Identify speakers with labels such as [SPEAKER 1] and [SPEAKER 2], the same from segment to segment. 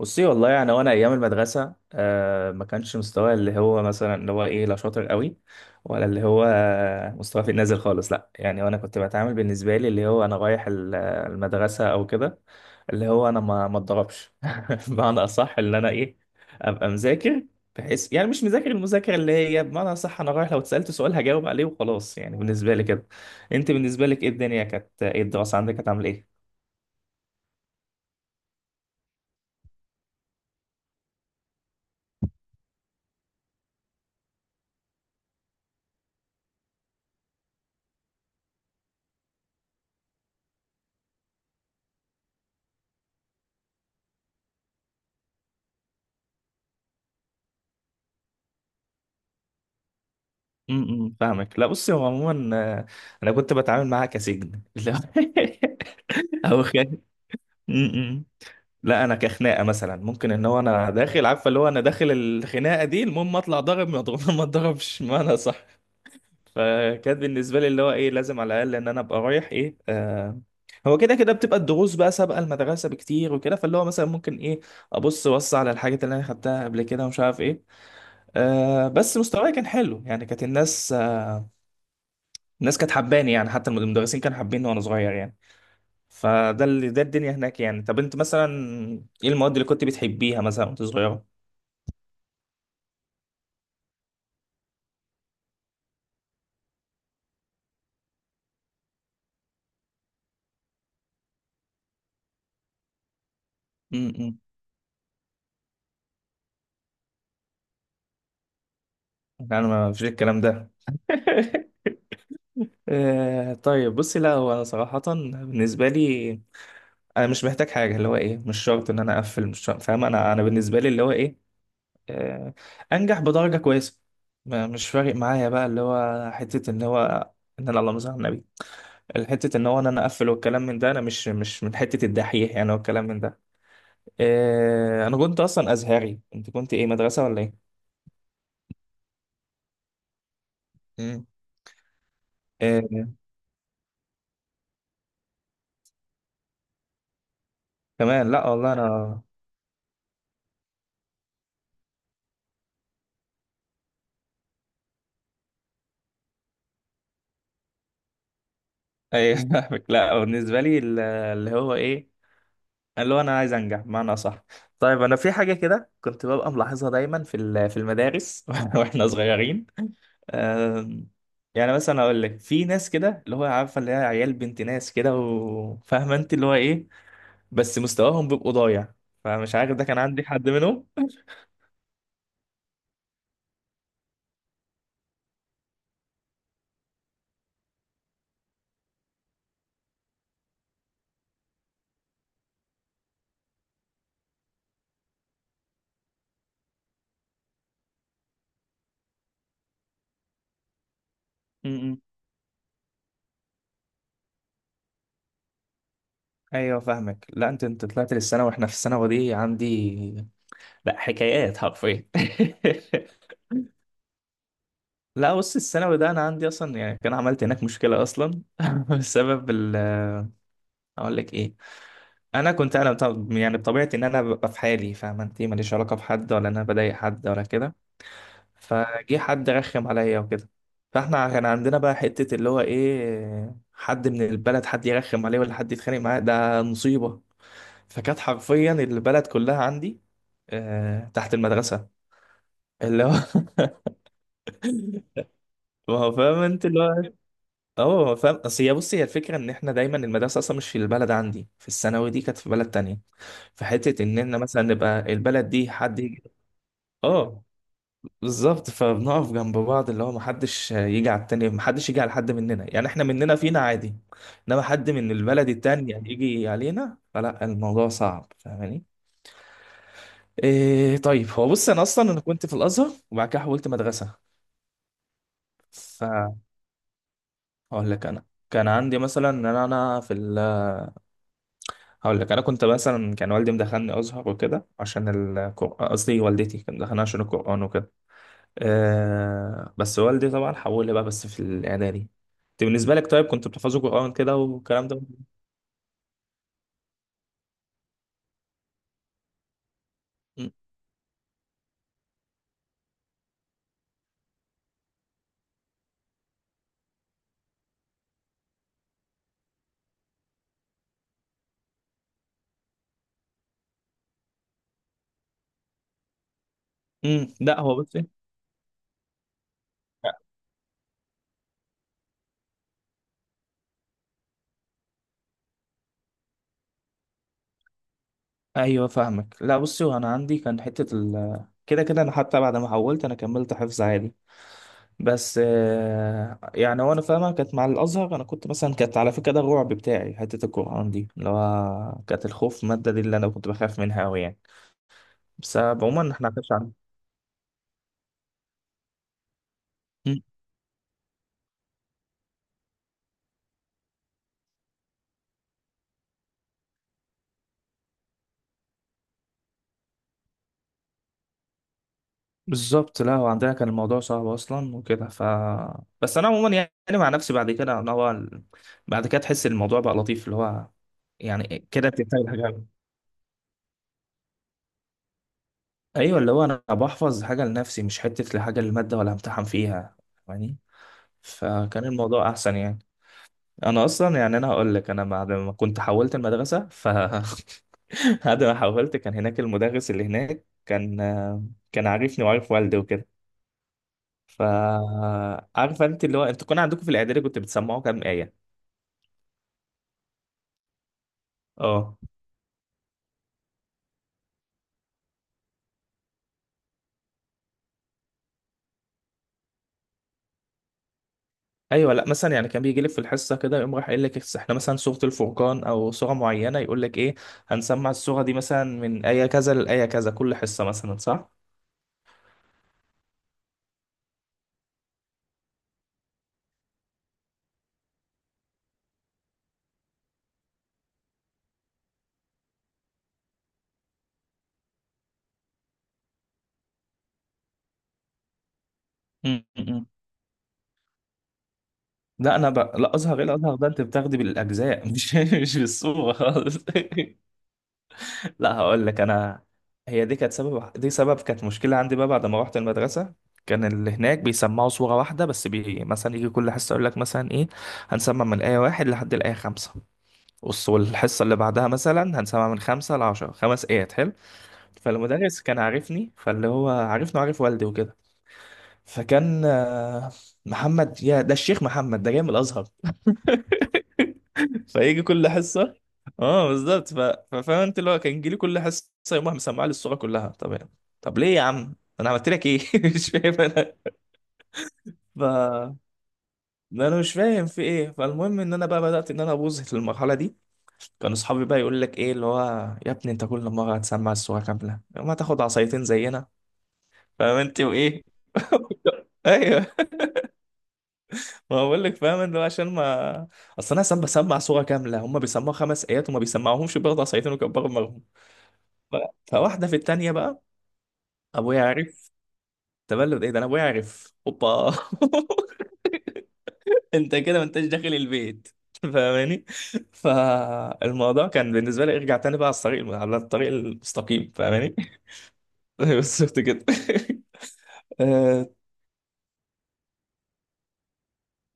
[SPEAKER 1] بصي والله يعني وانا ايام المدرسه ما كانش مستواي اللي هو مثلا اللي هو ايه، لا شاطر قوي ولا اللي هو، مستواي في النازل خالص. لا يعني وانا كنت بتعامل بالنسبه لي اللي هو انا رايح المدرسه او كده اللي هو انا ما اتضربش بمعنى اصح اللي انا ايه ابقى مذاكر، بحيث يعني مش مذاكر المذاكره، اللي هي بمعنى اصح انا رايح لو اتسالت سؤال هجاوب عليه وخلاص، يعني بالنسبه لي كده. انت بالنسبه لك ايه الدنيا كانت، ايه الدراسه عندك كانت عامله ايه؟ فاهمك. لا بصي، هو عموما انا كنت بتعامل معاها كسجن لا او امم. لا انا كخناقه مثلا ممكن ان هو انا داخل، عارفه اللي هو انا داخل الخناقه دي المهم اطلع ضارب، ما اضرب ما اضربش ما انا صح. فكانت بالنسبه لي اللي هو ايه لازم على الاقل ان انا ابقى رايح، ايه آه هو كده كده بتبقى الدروس بقى سابقه المدرسه بكتير وكده، فاللي هو مثلا ممكن ايه ابص بص على الحاجات اللي انا خدتها قبل كده ومش عارف ايه. بس مستواي كان حلو، يعني كانت الناس، الناس كانت حباني، يعني حتى المدرسين كانوا حابيني وانا صغير يعني. فده اللي ده الدنيا هناك يعني. طب انت مثلا ايه المواد اللي كنت بتحبيها مثلا وانت صغيره؟ امم انا ما فيش الكلام ده طيب بصي، لا هو انا صراحه بالنسبه لي انا مش محتاج حاجه، اللي هو ايه مش شرط ان انا اقفل، مش شرط، فاهم؟ انا بالنسبه لي اللي هو ايه، آه، انجح بدرجه كويسه. مش فارق معايا بقى اللي هو حته اللي هو ان انا، اللهم صل على النبي، الحتة ان هو انا اقفل والكلام من ده، انا مش من حتة الدحيح يعني والكلام من ده. إيه انا كنت اصلا ازهري، انت كنت ايه مدرسة ولا ايه؟ مم. إيه كمان، لا والله انا ايه فاهمك. لا بالنسبة لي اللي هو ايه اللي هو انا عايز انجح بمعنى صح. طيب انا في حاجة كده كنت ببقى ملاحظها دايما في المدارس واحنا صغيرين. آم، يعني مثلا اقول لك في ناس كده اللي هو، عارفه اللي هي عيال بنت ناس كده وفاهمه انت اللي هو ايه، بس مستواهم بيبقوا ضايع. فمش عارف ده كان عندي حد منهم م-م. ايوه فاهمك. لا انت طلعت للسنه، واحنا في الثانوي دي عندي لا حكايات حرفيا لا بص الثانوي ده انا عندي اصلا يعني، كان عملت هناك مشكله اصلا بسبب اقول لك ايه. انا كنت انا يعني بطبيعتي ان انا ببقى في حالي، فاهم انت ماليش علاقه بحد ولا إن انا بضايق حد ولا كده، فجه حد رخم عليا وكده. فاحنا كان عندنا بقى حتة اللي هو ايه، حد من البلد حد يرخم عليه ولا حد يتخانق معاه ده مصيبة. فكانت حرفيا البلد كلها عندي تحت المدرسة اللي هو ما هو فاهم انت اللي هو. اه ما هو فاهم، اصل هي بصي هي الفكرة ان احنا دايما المدرسة اصلا مش في البلد عندي، في الثانوي دي كانت في بلد تانية. فحتة ان احنا مثلا نبقى البلد دي حد يجي. اه بالظبط، فبنقف جنب بعض اللي هو محدش يجي على التاني، محدش يجي على حد مننا يعني احنا مننا فينا عادي، انما حد من البلد التانية يجي علينا فلا الموضوع صعب، فاهماني؟ إيه طيب هو بص انا اصلا انا كنت في الازهر وبعد كده حولت مدرسة. فهقول لك انا كان عندي مثلا ان انا أنا في ال هقول لك انا كنت مثلا كان والدي مدخلني ازهر وكده عشان القران، قصدي والدتي كانت مدخلني عشان القران وكده. بس والدي طبعا حول لي بقى بس في الاعدادي. انت بالنسبه لك طيب كنت بتحفظوا قران كده والكلام ده؟ م- م. لا هو بصي، ايوه فاهمك. لا بصي وانا عندي كان حته كده كده انا حتى بعد ما حولت انا كملت حفظ عادي. بس يعني وانا فاهمه كانت مع الازهر، انا كنت مثلا كانت على فكره ده الرعب بتاعي حته القران دي، اللي هو كانت الخوف الماده دي اللي انا كنت بخاف منها قوي يعني. بس عموما احنا ما كانش عندنا. بالظبط، لا هو عندنا كان الموضوع صعب اصلا وكده. بس انا عموما يعني مع نفسي بعد كده انا هو بعد كده تحس الموضوع بقى لطيف، اللي هو يعني كده بتحتاج حاجه. ايوه اللي هو انا بحفظ حاجه لنفسي مش حته لحاجه للماده ولا امتحن فيها يعني. فكان الموضوع احسن يعني. انا اصلا يعني انا هقول لك انا بعد ما كنت حولت المدرسه بعد ما حولت كان هناك المدرس اللي هناك كان، كان عارفني وعارف والدي وكده. فعارفه انت اللي هو انتوا كان عندكم في الاعدادي كنت بتسمعوا كام ايه؟ اه ايوه. لا مثلا يعني كان بيجي لك في الحصه كده يقوم راح قايل لك احنا مثلا سوره الفرقان او سوره معينه، يقول لك ايه هنسمع السوره دي مثلا من ايه كذا لايه كذا كل حصه مثلا، صح؟ م- م-. لا انا لا ازهر، ايه الازهر ده انت بتاخدي بالاجزاء مش بالصوره خالص. لا هقول لك انا، هي دي كانت سبب، دي سبب كانت مشكله عندي بقى بعد ما رحت المدرسه. كان اللي هناك بيسمعوا صوره واحده بس، مثلا يجي كل حصه يقول لك مثلا ايه هنسمع من آية 1 لحد الآية 5، والحصه اللي بعدها مثلا هنسمع من 5 لعشرة 5 آيات، حلو. فالمدرس كان عارفني فاللي هو عارفني وعارف والدي وكده، فكان محمد يا ده الشيخ محمد ده جاي من الازهر. فيجي كل حصه، اه بالظبط، ففاهم انت اللي هو كان يجي لي كل حصه يقوم راح مسمع لي الصوره كلها، طب يعني. طب ليه يا عم، انا عملت لك ايه مش فاهم انا. ف... انا مش فاهم في ايه. فالمهم ان انا بقى بدات ان انا ابوظ في المرحله دي. كان اصحابي بقى يقول لك ايه اللي هو يا ابني انت كل مره هتسمع الصوره كامله، ما تاخد عصايتين زينا، فاهم انت وايه ايوه، ما بقول لك، فاهم اللي هو عشان ما، اصل انا سام بسمع صوره كامله هم بيسمعوا خمس ايات وما بيسمعوهمش، برضه عصايتين وكبروا. ف- فواحدة في التانية بقى ابويا عرف، تبلد ايه ده، انا ابويا عرف، اوبا انت كده ما انتش داخل البيت فاهماني؟ فالموضوع كان بالنسبة لي ارجع تاني بقى على الطريق، على الطريق المستقيم فاهماني. بس شفت كده آه،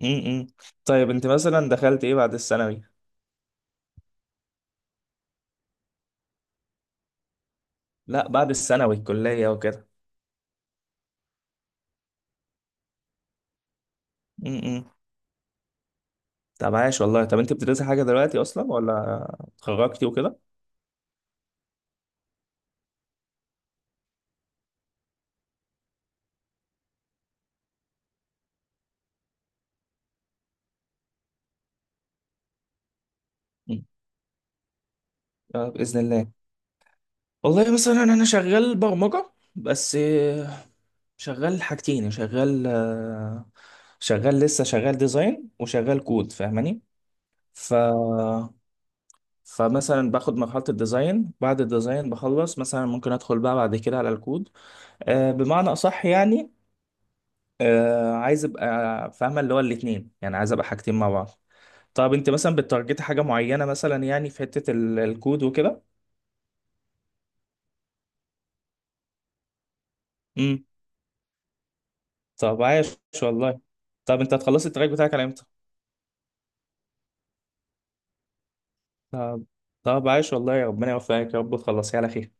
[SPEAKER 1] م- م. طيب انت مثلا دخلت ايه بعد الثانوي؟ لا بعد الثانوي الكلية وكده. م- م. طب عايش والله. طب انت بتدرسي حاجة دلوقتي اصلا ولا اتخرجتي وكده؟ م. بإذن الله. والله مثلا انا شغال برمجة بس، شغال حاجتين، شغال شغال لسه، شغال ديزاين وشغال كود فاهماني. ف فمثلا باخد مرحلة الديزاين، بعد الديزاين بخلص مثلا ممكن ادخل بقى بعد كده على الكود. بمعنى اصح يعني عايز ابقى فاهمة اللي هو الاتنين، يعني عايز ابقى حاجتين مع بعض. طب انت مثلا بتارجتي حاجة معينة مثلا يعني في حتة الكود وكده؟ طب عايش والله. طب انت هتخلصي التراك بتاعك على امتى؟ طب، طب عايش والله، يا ربنا يوفقك يا رب تخلصيه على خير.